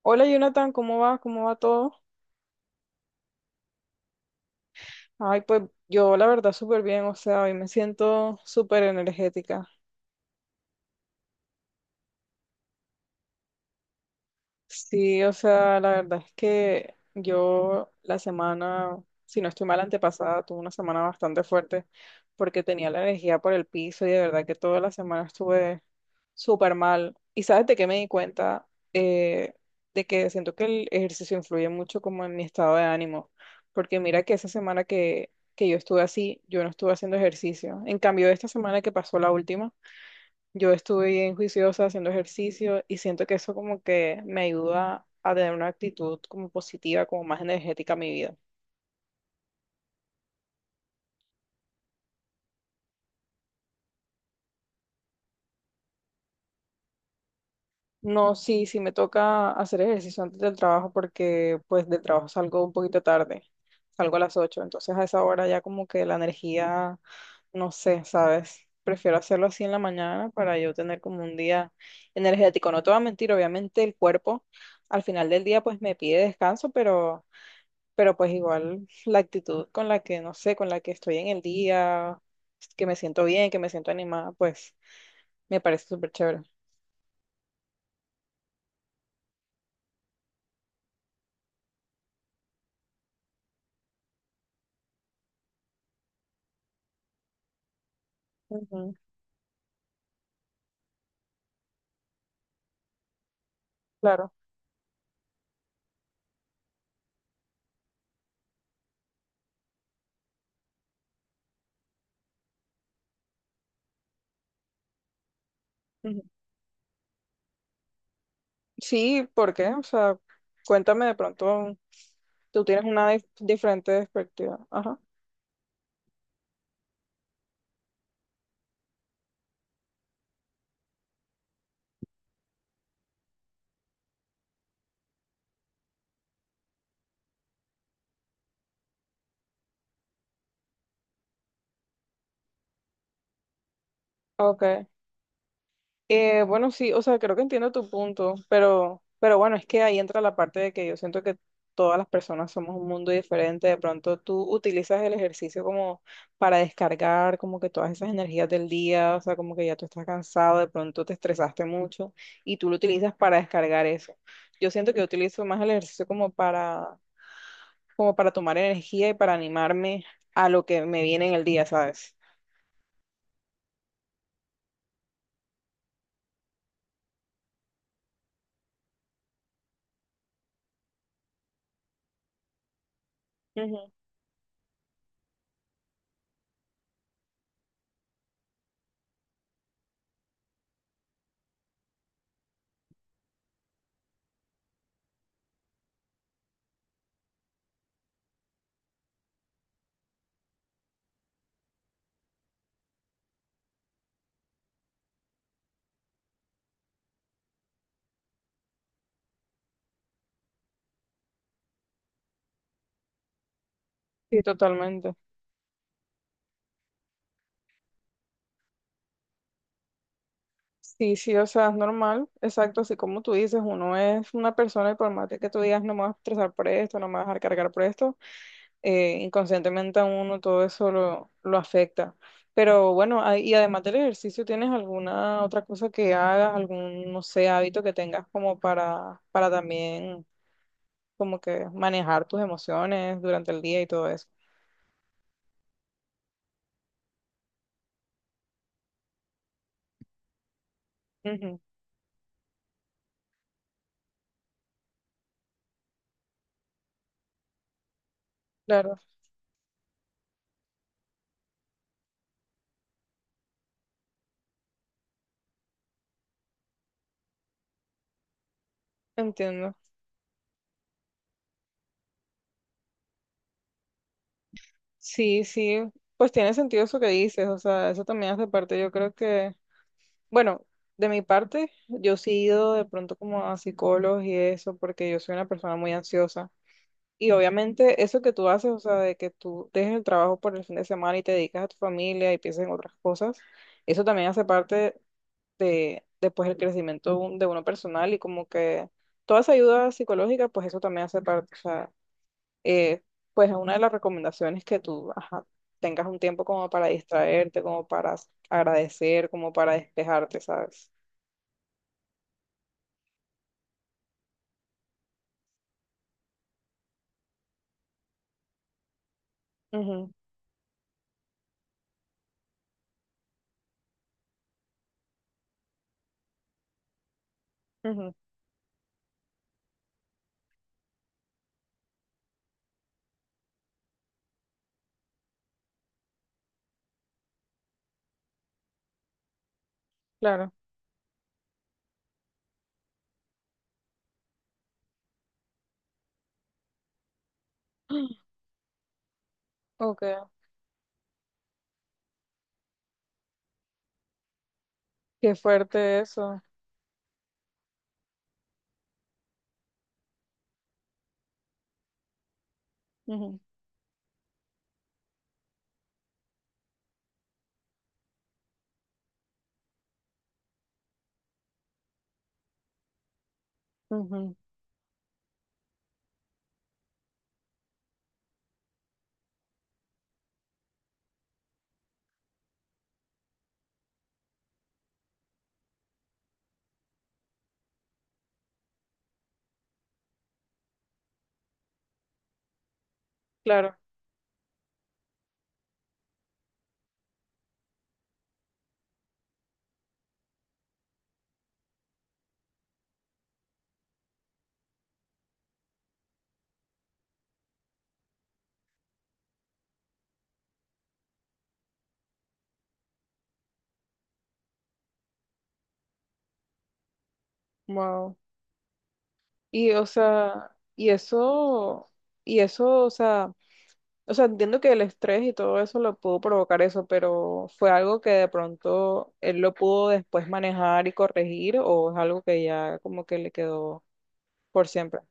Hola Jonathan, ¿cómo va? ¿Cómo va todo? Ay, pues yo la verdad súper bien, o sea, hoy me siento súper energética. Sí, o sea, la verdad es que yo la semana, si no estoy mal, antepasada, tuve una semana bastante fuerte porque tenía la energía por el piso y de verdad que toda la semana estuve súper mal. ¿Y sabes de qué me di cuenta? Eh, de que siento que el ejercicio influye mucho como en mi estado de ánimo, porque mira que esa semana que yo estuve así, yo no estuve haciendo ejercicio. En cambio, esta semana que pasó la última, yo estuve bien juiciosa haciendo ejercicio y siento que eso como que me ayuda a tener una actitud como positiva, como más energética a mi vida. No, sí, sí me toca hacer ejercicio antes del trabajo porque pues del trabajo salgo un poquito tarde, salgo a las 8 entonces a esa hora ya como que la energía, no sé, ¿sabes? Prefiero hacerlo así en la mañana para yo tener como un día energético. No te voy a mentir, obviamente el cuerpo al final del día pues me pide descanso, pero pues igual la actitud con la que, no sé, con la que estoy en el día, que me siento bien, que me siento animada, pues me parece súper chévere. Ujú, claro. Ujú. Sí, ¿por qué? O sea, cuéntame de pronto, tú tienes una diferente perspectiva. Ajá. Ok. Bueno, sí, o sea, creo que entiendo tu punto, pero bueno, es que ahí entra la parte de que yo siento que todas las personas somos un mundo diferente. De pronto tú utilizas el ejercicio como para descargar como que todas esas energías del día, o sea, como que ya tú estás cansado, de pronto te estresaste mucho y tú lo utilizas para descargar eso. Yo siento que yo utilizo más el ejercicio como para, como para tomar energía y para animarme a lo que me viene en el día, ¿sabes? Ujú. Sí, totalmente. Sí, sí, o sea, es normal, exacto, así como tú dices, uno es una persona y por más de que tú digas, no me vas a estresar por esto, no me vas a dejar cargar por esto, inconscientemente a uno todo eso lo afecta. Pero bueno, ah, y además del ejercicio, ¿tienes alguna otra cosa que hagas, algún, no sé, hábito que tengas como para también como que manejar tus emociones durante el día y todo eso? Ujú, claro, entiendo. Sí, sí, pues tiene sentido eso que dices, o sea, eso también hace parte, yo creo que. Bueno, de mi parte, yo sí he ido de pronto como a psicólogos y eso, porque yo soy una persona muy ansiosa. Y obviamente eso que tú haces, o sea, de que tú dejes el trabajo por el fin de semana y te dedicas a tu familia y piensas en otras cosas, eso también hace parte de después el crecimiento de uno personal y como que toda esa ayuda psicológica, pues eso también hace parte, o sea, eh, pues una de las recomendaciones que tú, ajá, tengas un tiempo como para distraerte, como para agradecer, como para despejarte, ¿sabes? Ujú, ujú, claro. Ok, qué fuerte eso. Ujú, ujú, claro, wow. Y o sea, y eso, o sea, entiendo que el estrés y todo eso lo pudo provocar eso, pero ¿fue algo que de pronto él lo pudo después manejar y corregir o es algo que ya como que le quedó por siempre?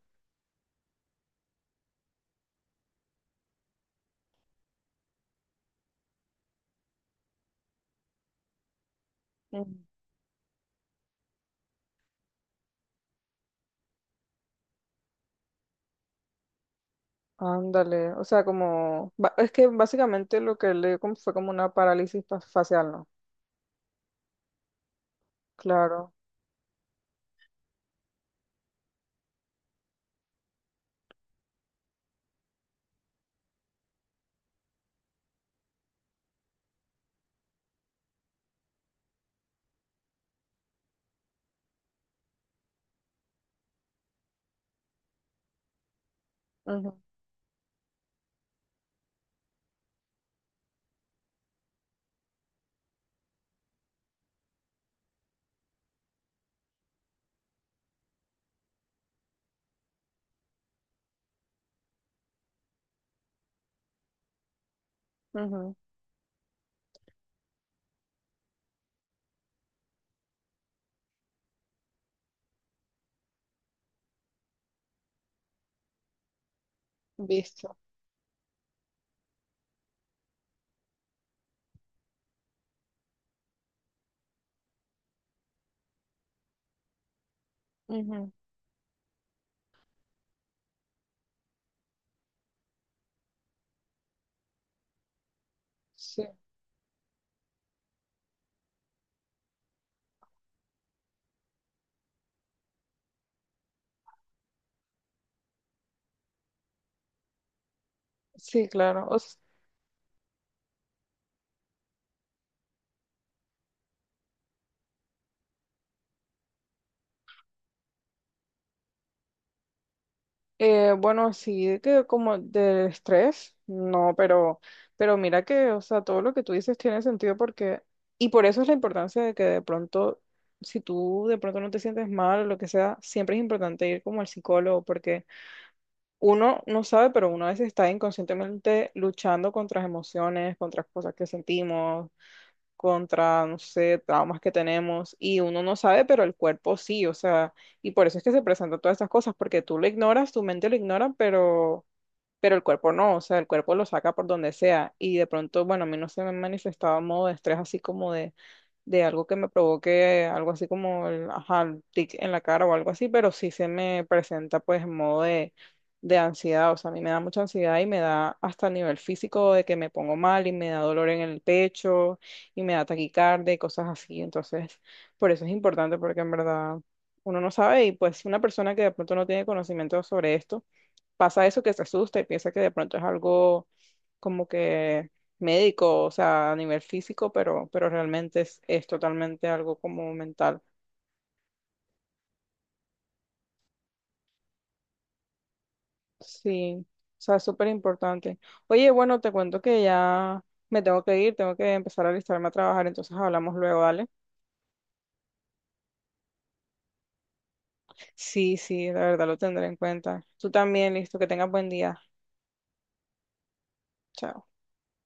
Ujú. Ándale, o sea, como, es que básicamente lo que le dio como fue como una parálisis facial, ¿no? Claro. Ujú, visto. Ujú, sí, sí, claro. Eh, bueno, sí, de que como del estrés, no, pero mira que, o sea, todo lo que tú dices tiene sentido porque, y por eso es la importancia de que de pronto, si tú de pronto no te sientes mal o lo que sea, siempre es importante ir como al psicólogo porque uno no sabe, pero uno a veces está inconscientemente luchando contra las emociones, contra las cosas que sentimos, contra, no sé, traumas que tenemos y uno no sabe, pero el cuerpo sí, o sea, y por eso es que se presentan todas estas cosas, porque tú lo ignoras, tu mente lo ignora, pero el cuerpo no, o sea, el cuerpo lo saca por donde sea. Y de pronto, bueno, a mí no se me manifestaba modo de estrés así como de algo que me provoque algo así como el, ajá, el tic en la cara o algo así, pero sí se me presenta pues en modo de ansiedad, o sea, a mí me da mucha ansiedad y me da hasta a nivel físico de que me pongo mal y me da dolor en el pecho y me da taquicardia y cosas así. Entonces, por eso es importante porque en verdad... Uno no sabe y pues una persona que de pronto no tiene conocimiento sobre esto, pasa eso que se asusta y piensa que de pronto es algo como que médico, o sea, a nivel físico, pero realmente es totalmente algo como mental. Sí, o sea, es súper importante. Oye, bueno, te cuento que ya me tengo que ir, tengo que empezar a alistarme a trabajar, entonces hablamos luego, ¿vale? Sí, sí, la verdad lo tendré en cuenta. Tú también, listo, que tengas buen día. Chao.